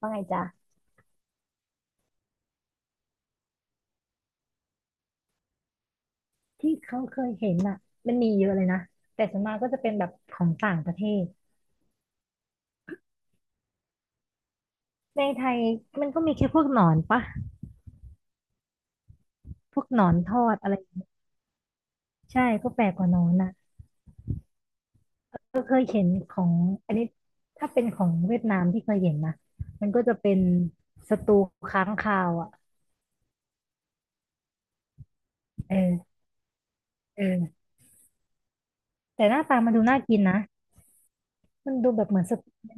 ว่าไงจ๊ะที่เขาเคยเห็นอ่ะมันมีเยอะเลยนะแต่ส่วนมากก็จะเป็นแบบของต่างประเทศในไทยมันก็มีแค่พวกหนอนปะพวกหนอนทอดอะไรใช่พวกแปลกกว่าหนอนนะก็เคยเห็นของอันนี้ถ้าเป็นของเวียดนามที่เคยเห็นนะมันก็จะเป็นสตูค้างคาวอ่ะเออเออแต่หน้าตามันดูน่ากินนะมันดูแบบเหมือนสตู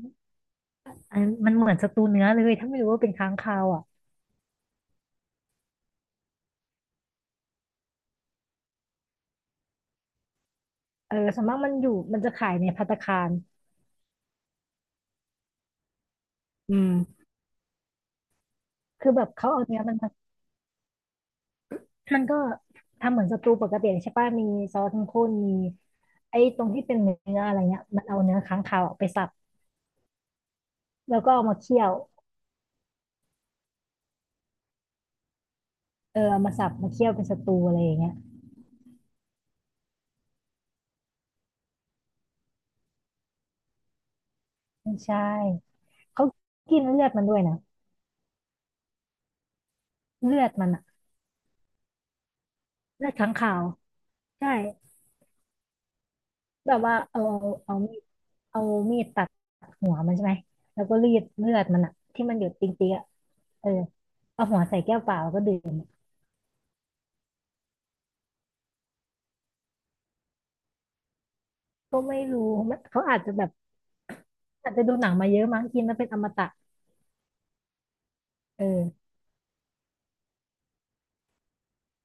อันมันเหมือนสตูเนื้อเลยถ้าไม่รู้ว่าเป็นค้างคาวอ่ะเออส่วนมากมันอยู่มันจะขายในภัตตาคารอืมคือแบบเขาเอาเนื้อมัน มันก็ทำเหมือนสตูปกติใช่ป่ะมีซอสเข้มข้นมีไอ้ตรงที่เป็นเนื้ออะไรเงี้ยมันเอาเนื้อค้างคาวอะไปสับแล้วก็เอามาเคี่ยวเออเอามาสับมาเคี่ยวเป็นสตูอะไรอย่างเงี้ยไม่ใช่เขากินเลือดมันด้วยนะเลือดมันอะเลือดค้างคาวใช่แบบว่าเอาเอามีดเอามีดตัดหัวมันใช่ไหมแล้วก็รีดเลือดมันอะที่มันหยดติ๊งติ๊งอะเออเอาหัวใส่แก้วเปล่าแล้วก็ดื่มก็ไม่รู้มันเขาอาจจะแบบอาจจะดูหนังมาเยอะมั้งกินแล้วเป็นอมตะ เออ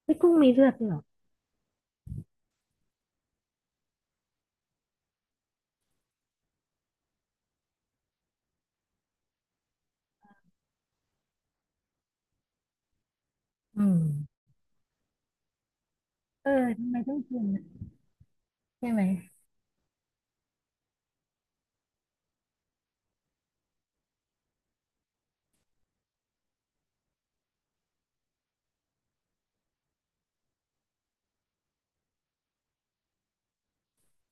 ไม่กุ้งมีเลือดด้วยเหรออืมเออทำไมต้องกินนะใช่ไหม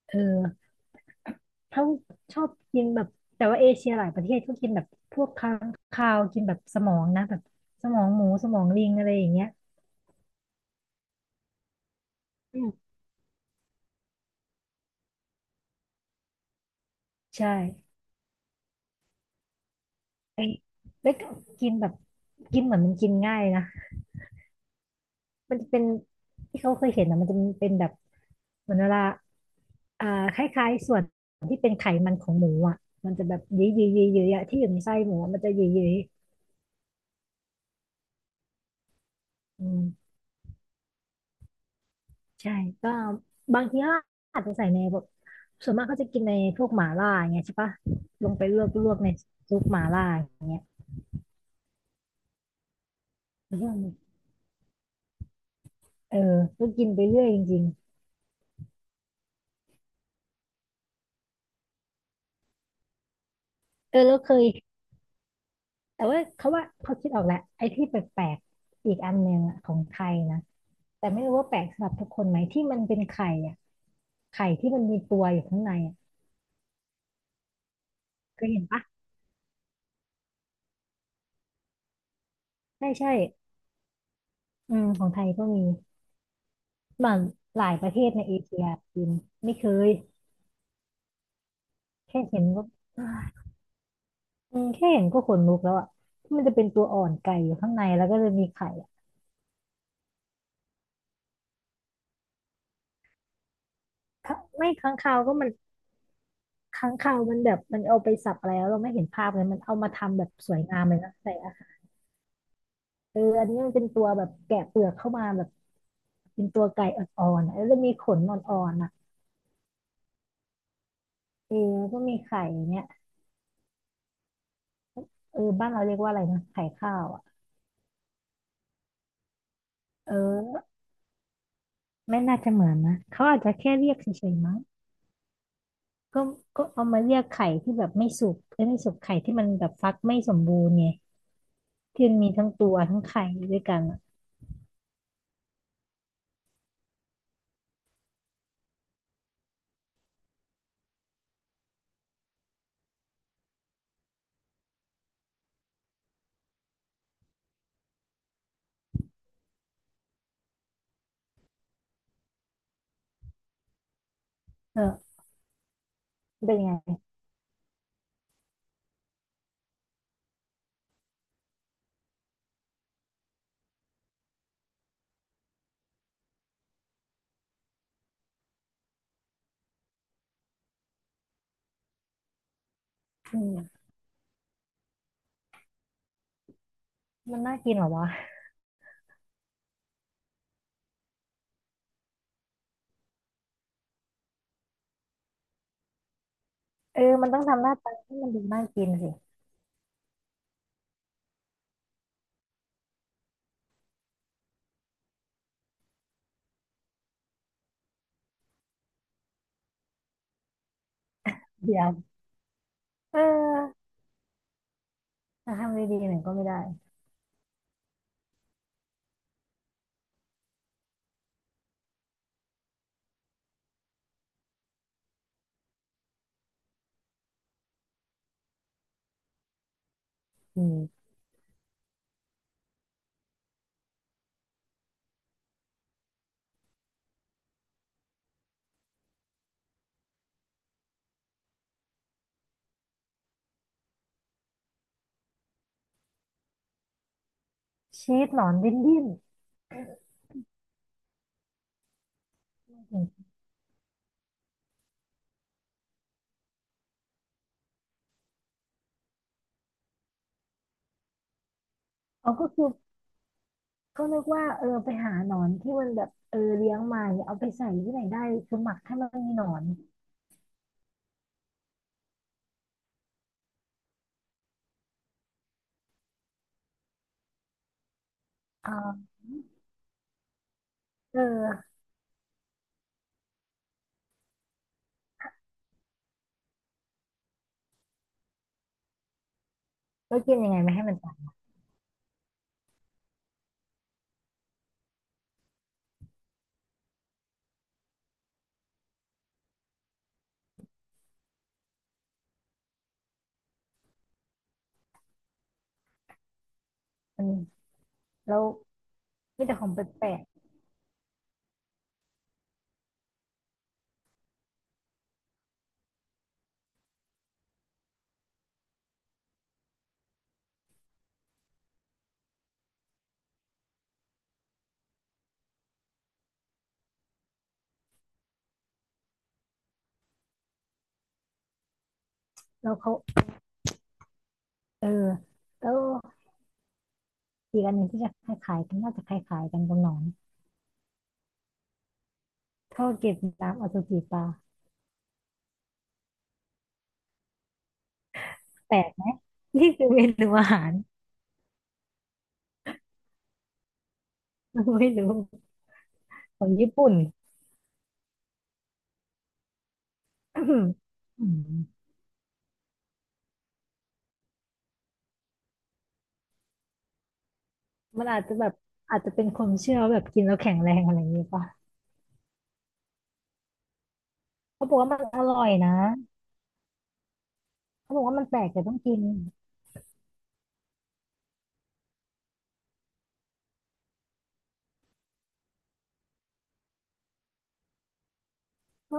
เออเขาชอบกินแบบแต่ว่าเอเชียหลายประเทศก็กินแบบพวกค้างคาวกินแบบสมองนะแบบสมองหมูสมองลิงอะไรอย่างเงี้ยอืมใช่เอ้ยแล้วก็กินแบบกินเหมือนมันกินง่ายนะมันจะเป็นที่เขาเคยเห็นนะมันจะเป็นแบบเหมือนเวลาอ่าคล้ายๆส่วนที่เป็นไขมันของหมูอ่ะมันจะแบบยื้อยื้อยื้อยื้ออะที่อยู่ในไส้หมูอะมันจะยื้อยื้ออืม ใช่ก็บางทีก็อาจจะใส่ในแบบส่วนมากเขาจะกินในพวกหม่าล่าอย่างเงี้ยใช่ปะลงไปลวกลวกในซุปหม่าล่าอย่างเงี้ยแล้วก็เออก็กินไปเรื่อยจริงๆเออแล้วเคยแต่ว่าเขาว่าเขาคิดออกแหละไอ้ที่แปลกๆอีกอันหนึ่งอะของไทยนะแต่ไม่รู้ว่าแปลกสำหรับทุกคนไหมที่มันเป็นไข่อะไข่ที่มันมีตัวอยู่ข้างในอะเคยเห็นปะใช่ใช่อืมของไทยก็มีมันหลายประเทศในเอเชียกินไม่เคยแค่เห็นก็ อืมแค่เห็นก็ขนลุกแล้วอ่ะที่มันจะเป็นตัวอ่อนไก่อยู่ข้างในแล้วก็จะมีไข่อะถ้าไม่ค้างคาวก็มันค้างคาวมันแบบมันเอาไปสับอะไรแล้วเราไม่เห็นภาพเลยมันเอามาทำแบบสวยงามเลยนะใส่อาหารเอออันนี้มันเป็นตัวแบบแกะเปลือกเข้ามาแบบเป็นตัวไก่อ่อนๆอะแล้วจะมีขนอ่อนๆอ่ะเออแล้วก็มีไข่เนี้ยเออบ้านเราเรียกว่าอะไรนะไข่ข้าวอ่ะเออไม่น่าจะเหมือนนะเขาอาจจะแค่เรียกเฉยๆมั้งก็ก็เอามาเรียกไข่ที่แบบไม่สุกเอ้ยไม่สุกไข่ที่มันแบบฟักไม่สมบูรณ์ไง ที่มันมีทั้งตัวทั้งไข่ด้วยกันอะเออเป็นยังไงอืมมันน่ากินเหรอวะเออมันต้องทำหน้าตาให้มันดูน่ากินสิเดี๋ยวเออถ้าทำดีๆหน่อยก็ไม่ได้อืมชีสหนอนดิ้นดิ้นอืมเอาก็คือก็นึกว่าเออไปหาหนอนที่มันแบบเออเลี้ยงมาเนี่ยเอาไปใส่ที่ไหนได้คือหมักให้มันมีหนอนอ่าเออแล้วกินยังไงไม่ให้มันตายมันแล้วมีแต่ของแปลกๆแล้วเขาเออแล้วอีกอันหนึ่งที่จะคล้ายๆกันน่าจะคล้ายๆกันกับหนอน ข้าวเกรียบน้ำอสุจิปลาแปลกนะนี่คือเมนูอาหาร ไม่รู้ของญี่ปุ่น อืมอืมมันอาจจะแบบอาจจะเป็นความเชื่อว่าแบบกินแล้วแข็งแรงอะไรอย่างนี้ป่ะเขาบอกว่ามันอร่อยนะเขาบอกว่ามันแปลกแต่ต้องกิน ก็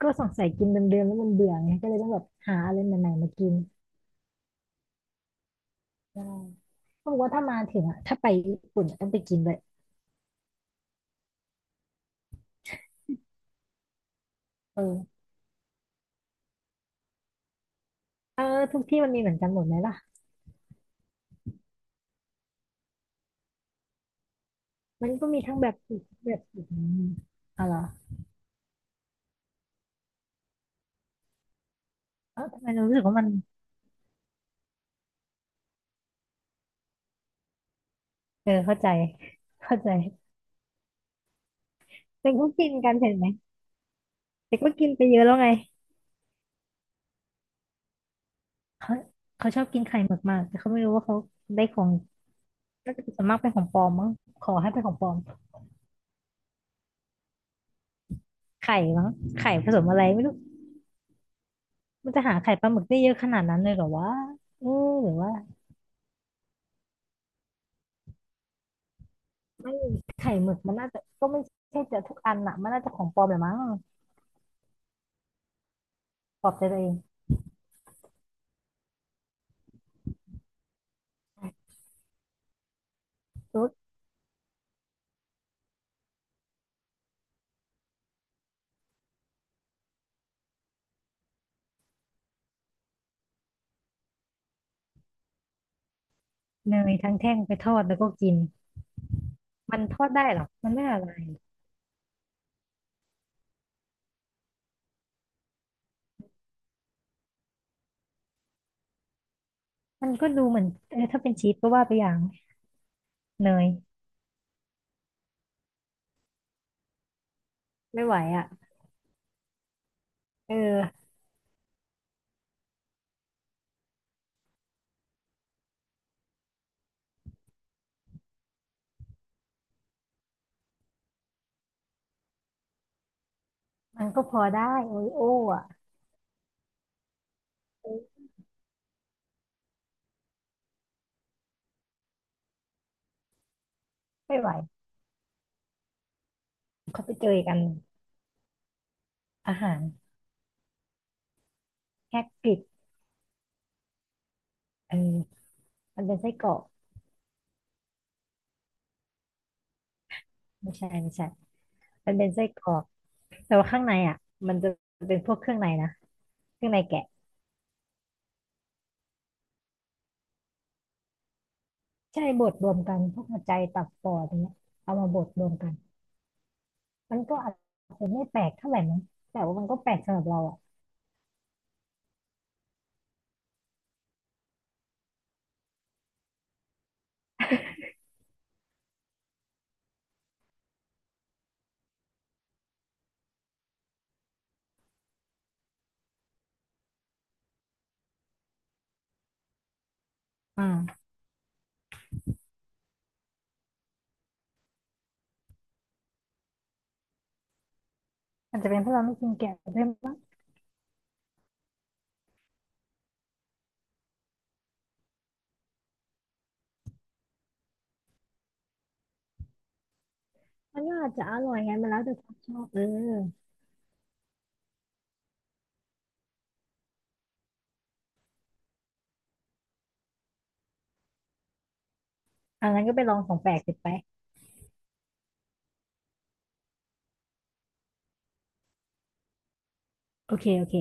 ก็สงสัยกินเดิมๆแล้วมันเบื่อไงก็เลยต้องแบบหาอะไรใหม่ๆมากินใช่เขาบอกว่าถ้ามาถึงอะถ้าไปญี่ปุ่นอะต้องไปกินเลยเออเออทุกที่มันมีเหมือนกันหมดไหมล่ะมันก็มีทั้งแบบสุกแบบอืมอะไรอเออทำไมเรารู้สึกว่ามัน เออเข้าใจเข้าใจแต่ก็กินกันเห็นไหมแต่ก็กินไปเยอะแล้วไงเขาเขาชอบกินไข่หมึกมากแต่เขาไม่รู้ว่าเขาได้ของน่าจะส่วนมากเป็นของปลอมมั้งขอให้เป็นของปลอมไข่มั้งไข่ผสมอะไรไม่รู้มันจะหาไข่ปลาหมึกได้เยอะขนาดนั้นเลยเหรอวะเออหรือว่าไม่ไข่หมึกมันน่าจะก็ไม่ใช่จะทุกอันอะมันน่าจะของปลอมแหละมั้งปลอบใจตัวเองซุดเนยทั้งแท่งไปทอดแล้วก็กินมันทอดได้เหรอมันไม่อะไรมันก็ดูเหมือนเออถ้าเป็นชีสก็ว่าไปอย่างเนย ไม่ไหวอ่ะเออมันก็พอได้โอริโออ่ะเออไม่ไหวเขาไปเจอกันอาหารแฮกกริดเออมันเป็นไส้กรอกไม่ใช่ไม่ใช่มันเป็นไส้กรอกแต่ว่าข้างในอ่ะมันจะเป็นพวกเครื่องในนะเครื่องในแกะใช่บดรวมกันพวกหัวใจตับปอดอย่างเงี้ยเอามาบดรวมกันมันก็อาจจะไม่แปลกเท่าไหร่มั้งแต่ว่ามันก็แปลกสำหรับเราอ่ะอ่าอาจจะเป็นเพราะเราไม่กินแกะด้วยมั้งมันก็อาจจะอร่อยไงมันแล้วแต่ความชอบเอออันนั้นก็ไปลองของแปลกสิไปโอเคโอเค